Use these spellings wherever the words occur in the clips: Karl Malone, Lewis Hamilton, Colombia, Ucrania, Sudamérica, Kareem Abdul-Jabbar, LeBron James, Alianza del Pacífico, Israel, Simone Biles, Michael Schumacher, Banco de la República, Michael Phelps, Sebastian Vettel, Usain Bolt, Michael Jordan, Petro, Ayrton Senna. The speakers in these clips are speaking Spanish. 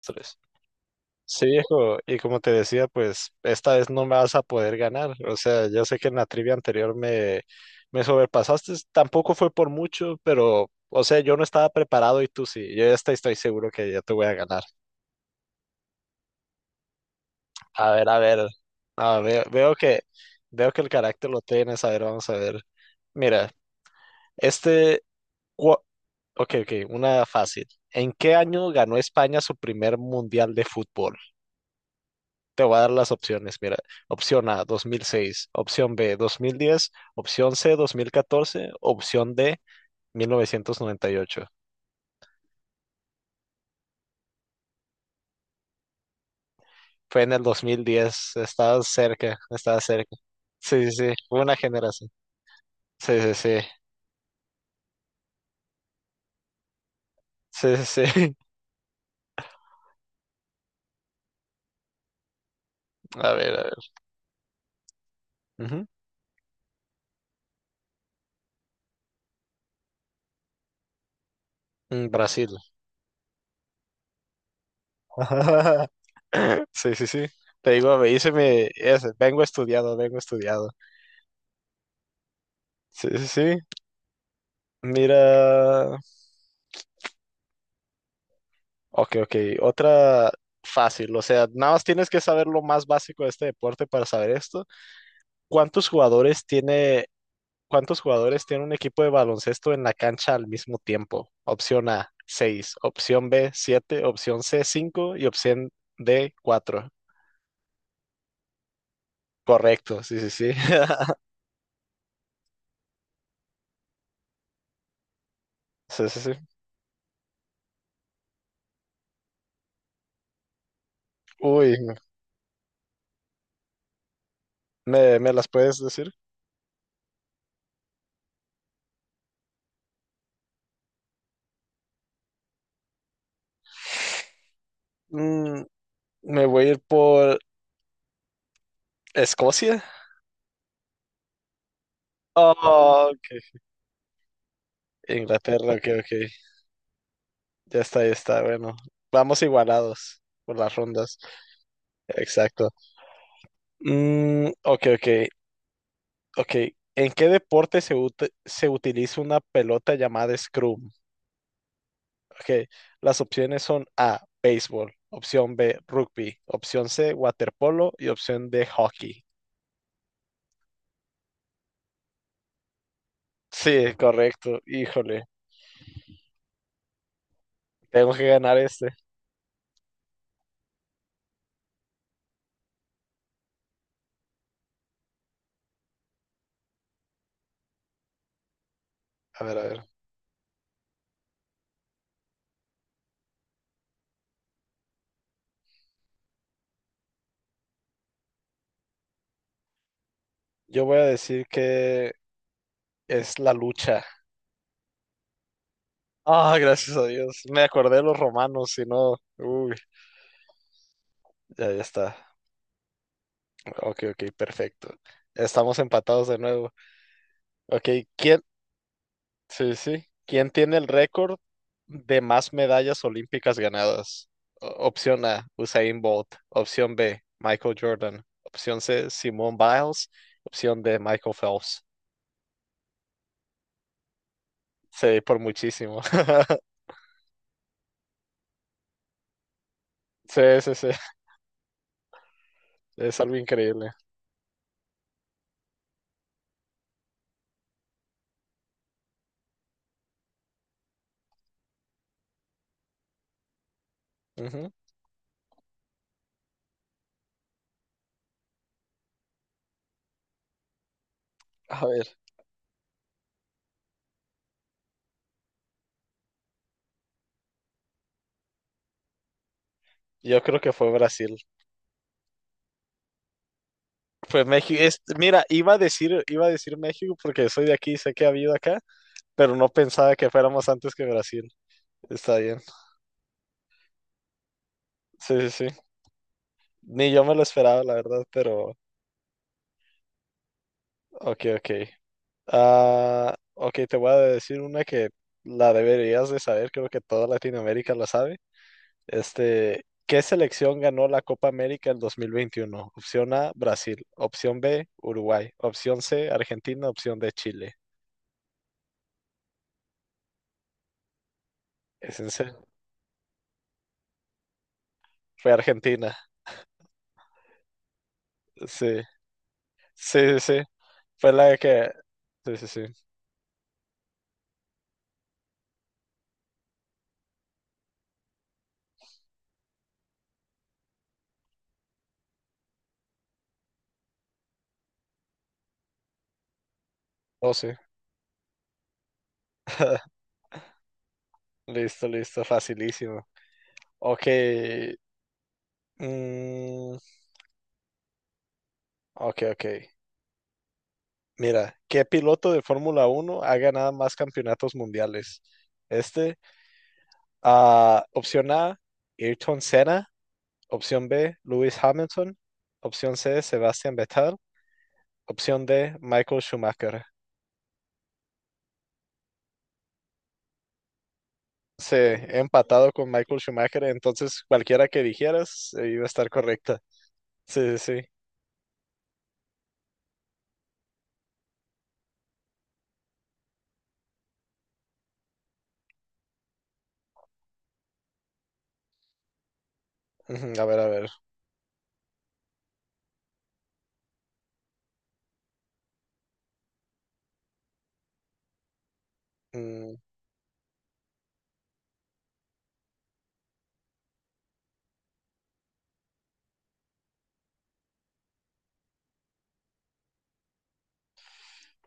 Tres. Sí, viejo, y como te decía, pues esta vez no me vas a poder ganar. O sea, yo sé que en la trivia anterior me sobrepasaste, tampoco fue por mucho, pero, o sea, yo no estaba preparado y tú sí. Yo ya estoy seguro que ya te voy a ganar. A ver, a ver. Ah, veo que el carácter lo tienes. A ver, vamos a ver. Mira, este. cua- ok, ok, una fácil. ¿En qué año ganó España su primer mundial de fútbol? Te voy a dar las opciones. Mira, opción A, 2006. Opción B, 2010. Opción C, 2014. Opción D, 1998. Fue en el 2010, estabas cerca, estabas cerca. Sí, sí, sí, fue una generación. Sí, sí, sí, sí, sí, sí. A ver, a ver. Ujú. Mm, Brasil. Sí, sí, sí. Te digo, me hice mi... ese, vengo estudiado, vengo estudiado. Sí, sí, sí. Mira. Ok, ok. Otra fácil, o sea, nada más tienes que saber lo más básico de este deporte para saber esto. ¿Cuántos jugadores tiene, cuántos jugadores tiene un equipo de baloncesto en la cancha al mismo tiempo? Opción A, seis. Opción B, 7. Opción C, 5. Y opción D, 4. Correcto, sí, sí, sí. Sí, sí, sí. Uy, ¿me las puedes decir? Mm, me voy a ir por Escocia. Oh, ok. Inglaterra, ok, ok. Ya está, ya está. Bueno, vamos igualados por las rondas. Exacto. Mm, ok, ok, ok. ¿En qué deporte se utiliza una pelota llamada scrum? Ok, las opciones son A, béisbol, opción B, rugby, opción C, waterpolo y opción D, hockey. Sí, correcto. Híjole, tengo que ganar este. A ver, a ver. Yo voy a decir que es la lucha. Ah, gracias a Dios. Me acordé de los romanos, si no. Uy, ya, ya está. Ok, ok, perfecto. Estamos empatados de nuevo. Ok, ¿quién? Sí, sí. ¿Quién tiene el récord de más medallas olímpicas ganadas? Opción A, Usain Bolt. Opción B, Michael Jordan. Opción C, Simone Biles. Opción D, Michael Phelps. Sí, por muchísimo. Sí, sí, sí. Es algo increíble. Ujú. A ver, yo creo que fue Brasil. Fue México. Mira, iba a decir México porque soy de aquí y sé que ha habido acá, pero no pensaba que fuéramos antes que Brasil. Está bien. Sí, sí, sí. Ni yo me lo esperaba, la verdad, pero ok, ok. Ah, ok, te voy a decir una que la deberías de saber, creo que toda Latinoamérica la sabe. Este, ¿qué selección ganó la Copa América el 2021? Opción A, Brasil. Opción B, Uruguay. Opción C, Argentina. Opción D, Chile. Es en serio. Fue Argentina. Sí, sí, sí, sí. Fue la que... Sí, sí, sí. Oh, sí. Listo, listo, facilísimo. Ok. Mm, ok, ok. Mira, ¿qué piloto de Fórmula 1 ha ganado más campeonatos mundiales? Este, opción A, Ayrton Senna. Opción B, Lewis Hamilton. Opción C, Sebastian Vettel. Opción D, Michael Schumacher. Sí, he empatado con Michael Schumacher, entonces cualquiera que dijeras iba a estar correcta. Sí, sí, sí. Ujú, a ver, a ver. Mm,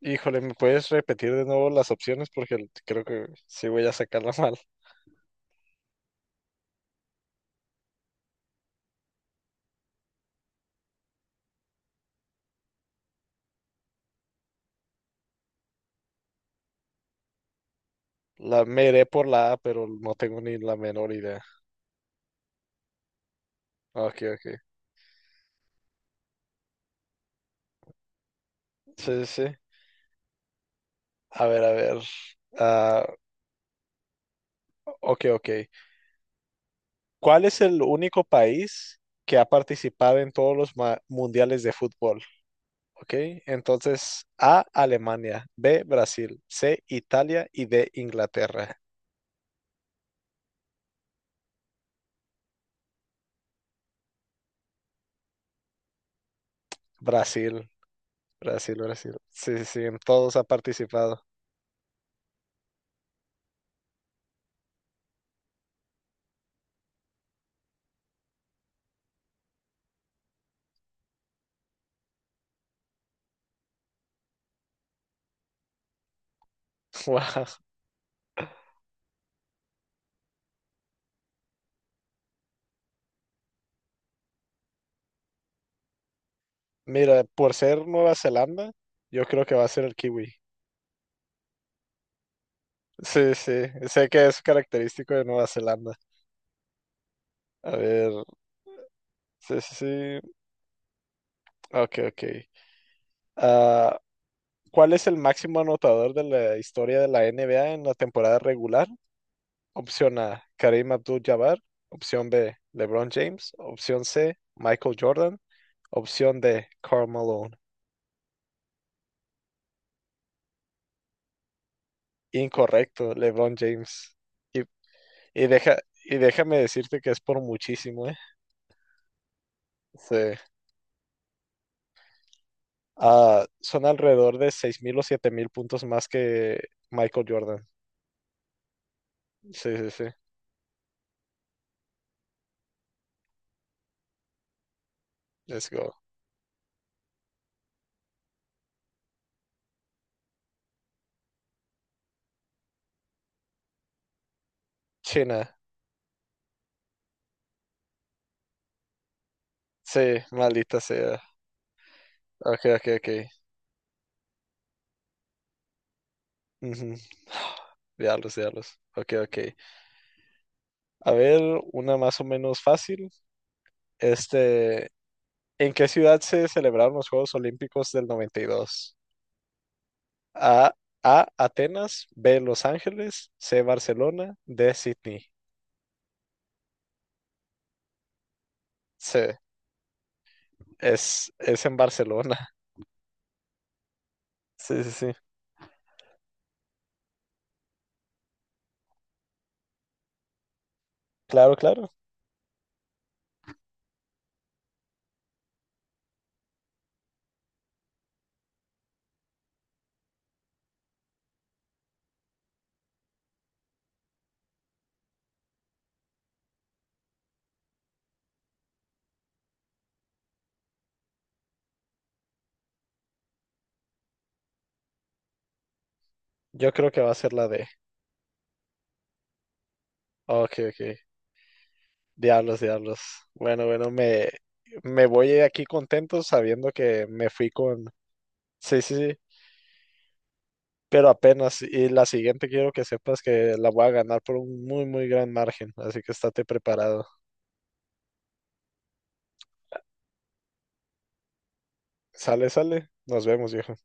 Híjole, ¿me puedes repetir de nuevo las opciones? Porque creo que sí voy a sacarla mal. La Me iré por la A, pero no tengo ni la menor idea. Ok, ok. Sí, sí, sí. A ver, a ver. Ah, ok, ok. ¿Cuál es el único país que ha participado en todos los mundiales de fútbol? Ok, entonces A, Alemania, B, Brasil, C, Italia y D, Inglaterra. Brasil, Brasil, Brasil. Sí, sí, sí, en todos ha participado. Wow. Mira, por ser Nueva Zelanda, yo creo que va a ser el kiwi. Sí, sí, sé que es característico de Nueva Zelanda. A ver, sí, sí, sí. Ok, ok. Ah, ¿cuál es el máximo anotador de la historia de la NBA en la temporada regular? Opción A, Kareem Abdul-Jabbar. Opción B, LeBron James. Opción C, Michael Jordan. Opción D, Karl Malone. Incorrecto, LeBron James. Y, y deja, y déjame decirte que es por muchísimo, ¿eh? Sí. Ah, son alrededor de 6000 o 7000 puntos más que Michael Jordan. Sí, sí, sí. Let's go. China. Sí, maldita sea. Ok, ok, ok. Ujú. Diablos, diablos. Ok, ok. A ver, una más o menos fácil. Este, ¿En qué ciudad se celebraron los Juegos Olímpicos del 92? A, A, Atenas, B, Los Ángeles, C, Barcelona, D, Sydney. Sí, es en Barcelona. Sí, sí, sí. Claro, claro. Yo creo que va a ser la D. Ok, ok. Diablos, diablos. Bueno, bueno, me voy de aquí contento sabiendo que me fui con... Sí, sí, sí, pero apenas. Y la siguiente quiero que sepas que la voy a ganar por un muy, muy gran margen. Así que estate preparado. Sale, sale. Nos vemos, viejo.